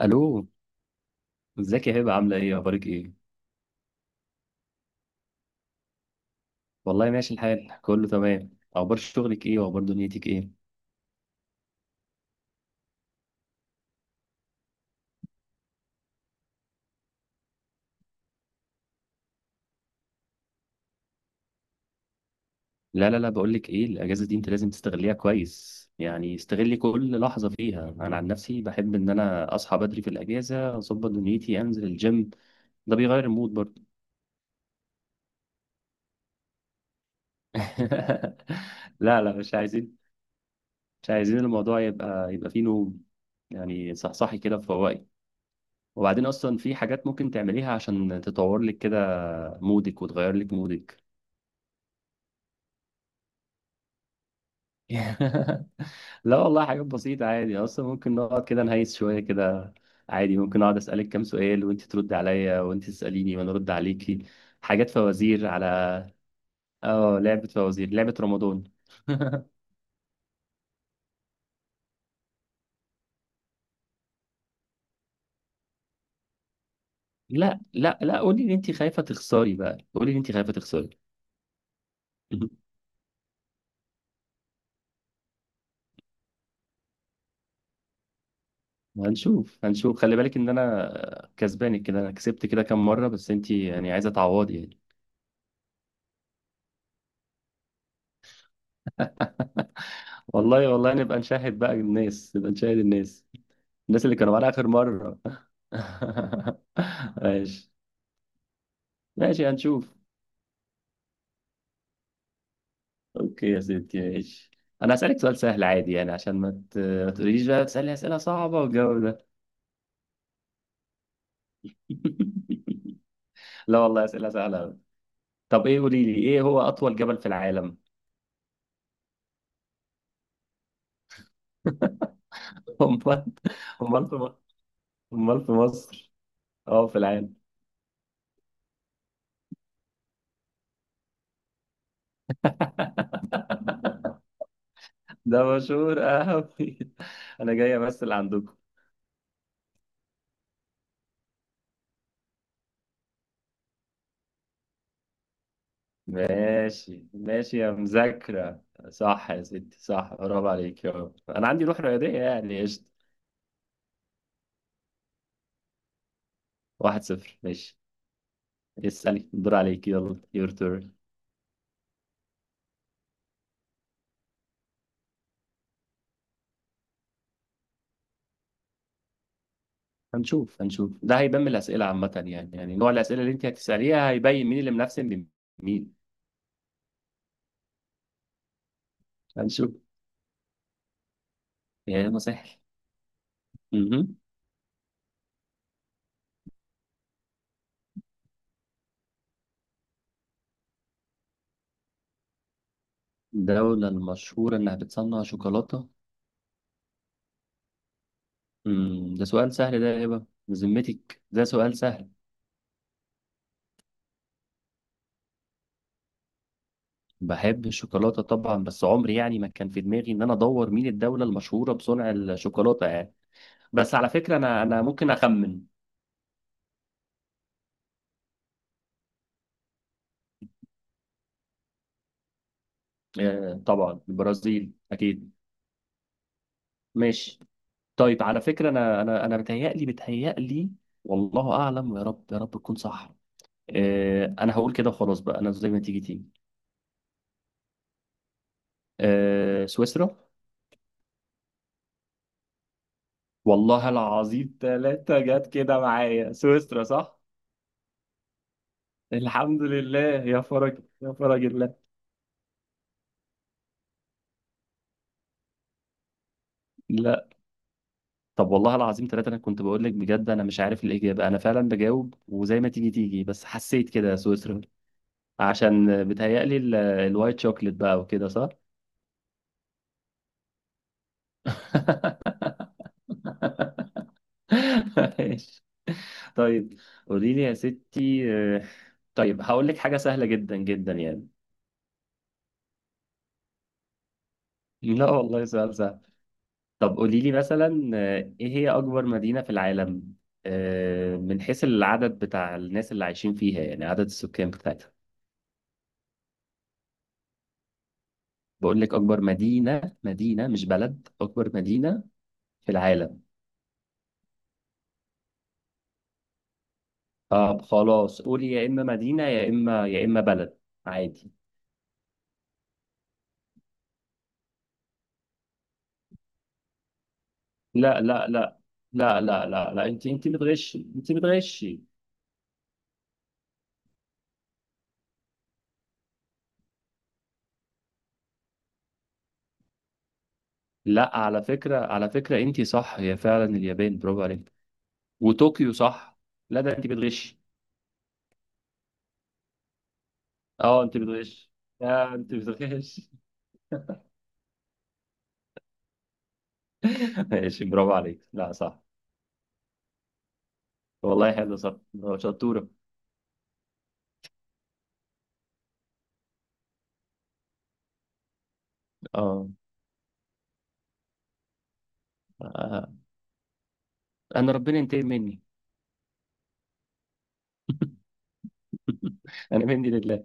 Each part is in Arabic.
الو ازيك يا هبه، عامله ايه، اخبارك ايه؟ والله ماشي الحال، كله تمام. اخبار شغلك ايه واخبار دنيتك ايه؟ لا لا لا، بقول لك ايه، الاجازه دي انت لازم تستغليها كويس، يعني استغلي كل لحظه فيها. انا عن نفسي بحب ان انا اصحى بدري في الاجازه، اظبط دنيتي، انزل الجيم، ده بيغير المود برضه. لا لا، مش عايزين، مش عايزين الموضوع يبقى فيه نوم، يعني صحصحي كده، فوقي. وبعدين اصلا في حاجات ممكن تعمليها عشان تطور لك كده مودك، وتغير لك مودك. لا والله، حاجات بسيطة عادي، أصلا ممكن نقعد كده نهيس شوية كده، عادي. ممكن أقعد أسألك كام سؤال وأنت ترد عليا، وأنت تسأليني وأنا أرد عليكي، حاجات فوازير على. آه، لعبة فوازير، لعبة رمضان. لا لا لا، قولي إن أنت خايفة تخسري بقى، قولي إن أنت خايفة تخسري. هنشوف هنشوف، خلي بالك إن أنا كسبانك كده. أنا كسبت كده كام مرة، بس أنت يعني عايزة تعوضي يعني. والله والله، نبقى نشاهد بقى الناس، نبقى نشاهد الناس، الناس اللي كانوا معانا آخر مرة. ماشي ماشي، هنشوف. اوكي يا ستي، ماشي. انا هسألك سؤال سهل عادي، يعني عشان ما تقوليليش بقى تسألي أسئلة صعبة والجو ده. لا والله، أسئلة سهلة أوي. طب ايه، قولي لي ايه هو أطول جبل في العالم؟ امال؟ امال في مصر؟ امال في مصر؟ اه، في العالم. ده مشهور قوي، انا جاي امثل عندكم. ماشي ماشي يا مذاكرة. صح يا ستي، صح، برافو عليك، يا رب. أنا عندي روح رياضية يعني، قشطة. 1-0، ماشي. اسألي، الدور عليك، يلا، يور تورن. هنشوف هنشوف، ده هيبان من الأسئلة، عامة يعني، يعني نوع الأسئلة اللي أنت هتسأليها هيبين مين اللي منافسن بمين. هنشوف. يا ما سهل. مهم. الدولة المشهورة إنها بتصنع شوكولاتة؟ ده سؤال سهل ده يا هبة؟ بذمتك ده سؤال سهل؟ بحب الشوكولاتة طبعا، بس عمري يعني ما كان في دماغي ان انا ادور مين الدولة المشهورة بصنع الشوكولاتة يعني. بس على فكرة، انا ممكن اخمن. طبعا البرازيل اكيد. ماشي. طيب على فكرة، انا متهيألي متهيألي، والله اعلم، يا رب يا رب تكون صح. انا هقول كده وخلاص بقى، انا زي ما تيجي تيجي. سويسرا. والله العظيم 3 جت كده معايا، سويسرا صح. الحمد لله، يا فرج يا فرج الله. طب والله العظيم 3، أنا كنت بقول لك، بجد أنا مش عارف الإجابة، أنا فعلا بجاوب وزي ما تيجي تيجي، بس حسيت كده يا سويسرا. عشان بتهيألي الوايت شوكليت بقى، وكده صح؟ ماشي. طيب قولي لي يا ستي، طيب هقول لك حاجة سهلة جدا جدا يعني. لا والله، سؤال سهل. طب قولي لي مثلا، إيه هي أكبر مدينة في العالم؟ من حيث العدد بتاع الناس اللي عايشين فيها، يعني عدد السكان بتاعتها. بقول لك أكبر مدينة، مدينة مش بلد، أكبر مدينة في العالم. طب خلاص، قولي، يا إما مدينة يا إما بلد، عادي. لا لا لا لا، لا لا لا، أنت بتغشي، أنت بتغشي. لا، على فكرة على فكرة، أنت صح، هي فعلا اليابان، برافو عليك، وطوكيو صح. لا ده أنت بتغشي. أه، أنت بتغشي. لا أنت بتغشي. ماشي، برافو عليك، لا صح. والله حلو، صح، شطورة. أه. آه. أنا ربنا ينتقم مني. أنا مني لله.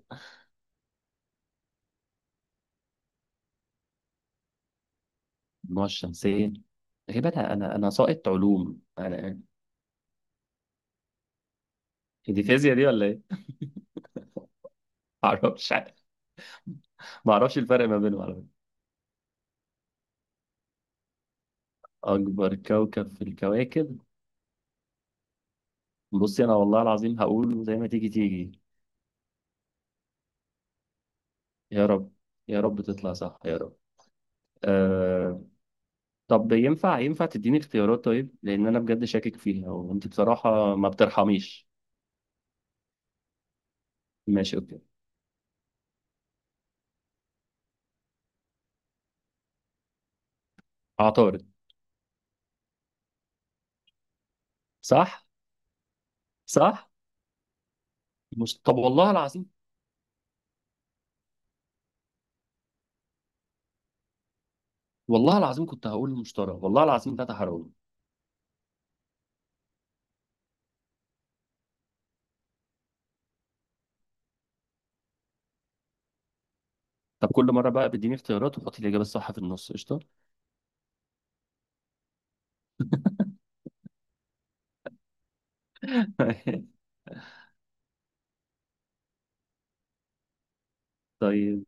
المجموعة الشمسية؟ يا جدعان، أنا ساقط علوم أنا يعني. هي دي فيزياء دي ولا إيه؟ ما أعرفش. ما أعرفش الفرق ما بينهم على فكرة. أكبر كوكب في الكواكب. بصي أنا والله العظيم هقول زي ما تيجي تيجي. يا رب، يا رب تطلع صح، يا رب. أه... طب ينفع، تديني اختيارات طيب؟ لأن أنا بجد شاكك فيها، وأنت بصراحة ما بترحميش. ماشي، أوكي. عطارد. صح. صح. مش... طب والله العظيم. والله العظيم كنت هقول المشتري، والله العظيم ده تحرر. طب كل مرة بقى بيديني اختيارات وحطي الإجابة الصح في النص، قشطة. طيب،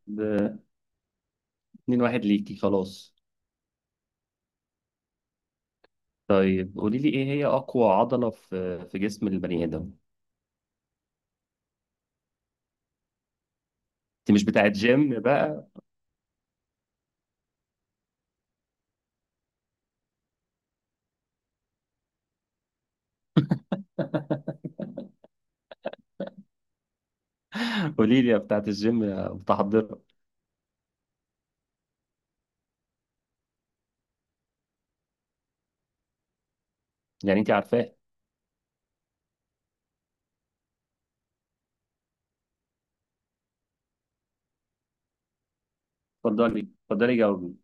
2-1 ليكي خلاص. طيب قولي لي، ايه هي أقوى عضلة في في جسم البني آدم؟ انت مش بتاعت جيم بقى؟ قولي لي يا بتاعت الجيم، يا متحضرة. يعني انت عارفاه. اتفضلي اتفضلي، جاوبي.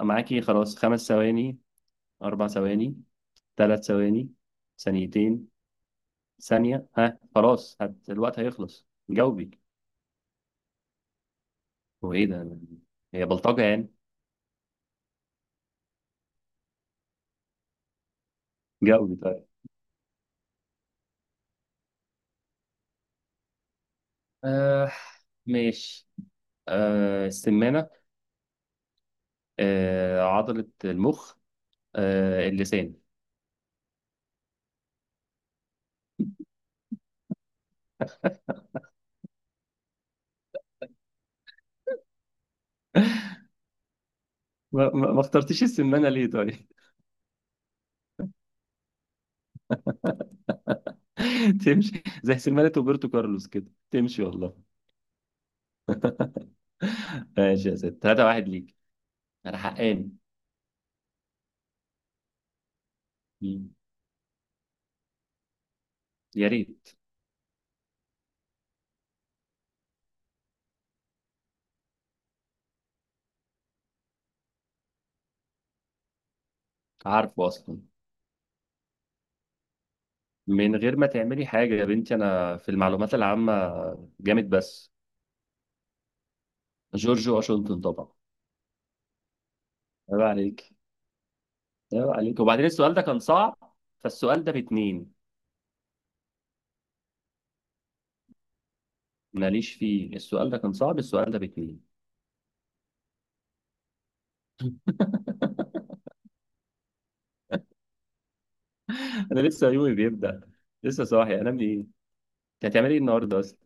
معاكي خلاص، 5 ثواني، 4 ثواني، 3 ثواني، 2 ثواني، ثانية، ها خلاص، الوقت هيخلص، جاوبي. هو ايه ده؟ هي بلطجة يعني. جاوبي. آه. ماشي. آه، السمانة. آه، عضلة المخ. آه، اللسان. ما اخترتش السمانة ليه طيب؟ تمشي زي سمانة روبرتو كارلوس كده، تمشي والله. ماشي يا ست، 3-1 ليك. أنا حقاني. مم. يا ريت. عارفه أصلا؟ من غير ما تعملي حاجة يا بنتي، أنا في المعلومات العامة جامد بس. جورج واشنطن طبعا. عيب عليك، عيب عليك، وبعدين السؤال ده كان صعب، فالسؤال ده ب 2. ماليش فيه، السؤال ده كان صعب، السؤال ده ب 2. انا لسه يومي بيبدأ، لسه صاحي، انام ايه؟ انت هتعملي ايه النهارده اصلا؟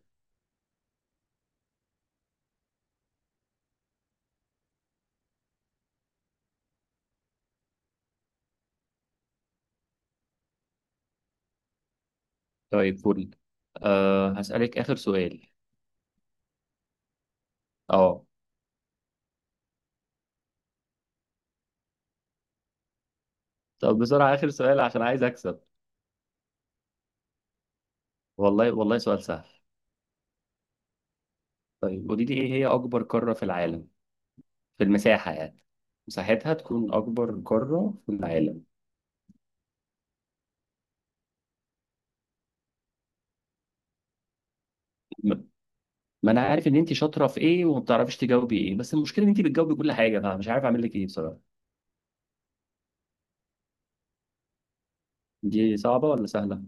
طيب، فل. أه، هسألك آخر سؤال. اه. طب بسرعة آخر سؤال، عشان عايز أكسب. والله والله، سؤال سهل. طيب قولي لي، إيه هي أكبر قارة في العالم، في المساحة يعني، مساحتها تكون أكبر قارة في العالم. م- ما أنا عارف إن أنت شاطرة في إيه وما بتعرفي تجاوبي إيه، بس المشكلة إن أنت بتجاوبي كل حاجة، أنا مش عارف أعمل لك إيه بصراحة. دي صعبة ولا سهلة؟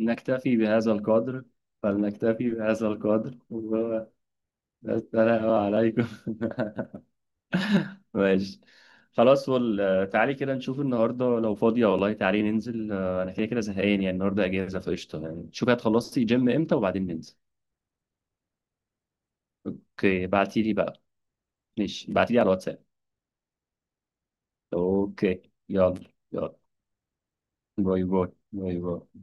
نكتفي بهذا القدر، فلنكتفي بهذا القدر، وهو ده السلام عليكم. ماشي. خلاص تعالي كده نشوف النهارده لو فاضية والله، تعالي ننزل. انا كده كده زهقان يعني، النهارده اجازة فقشطة يعني، شوفي هتخلصي جيم امتى وبعدين ننزل. اوكي، بعتي لي بقى، ماشي، بعتي لي على الواتساب. اوكي، يلا. يلا، باي باي. باي باي.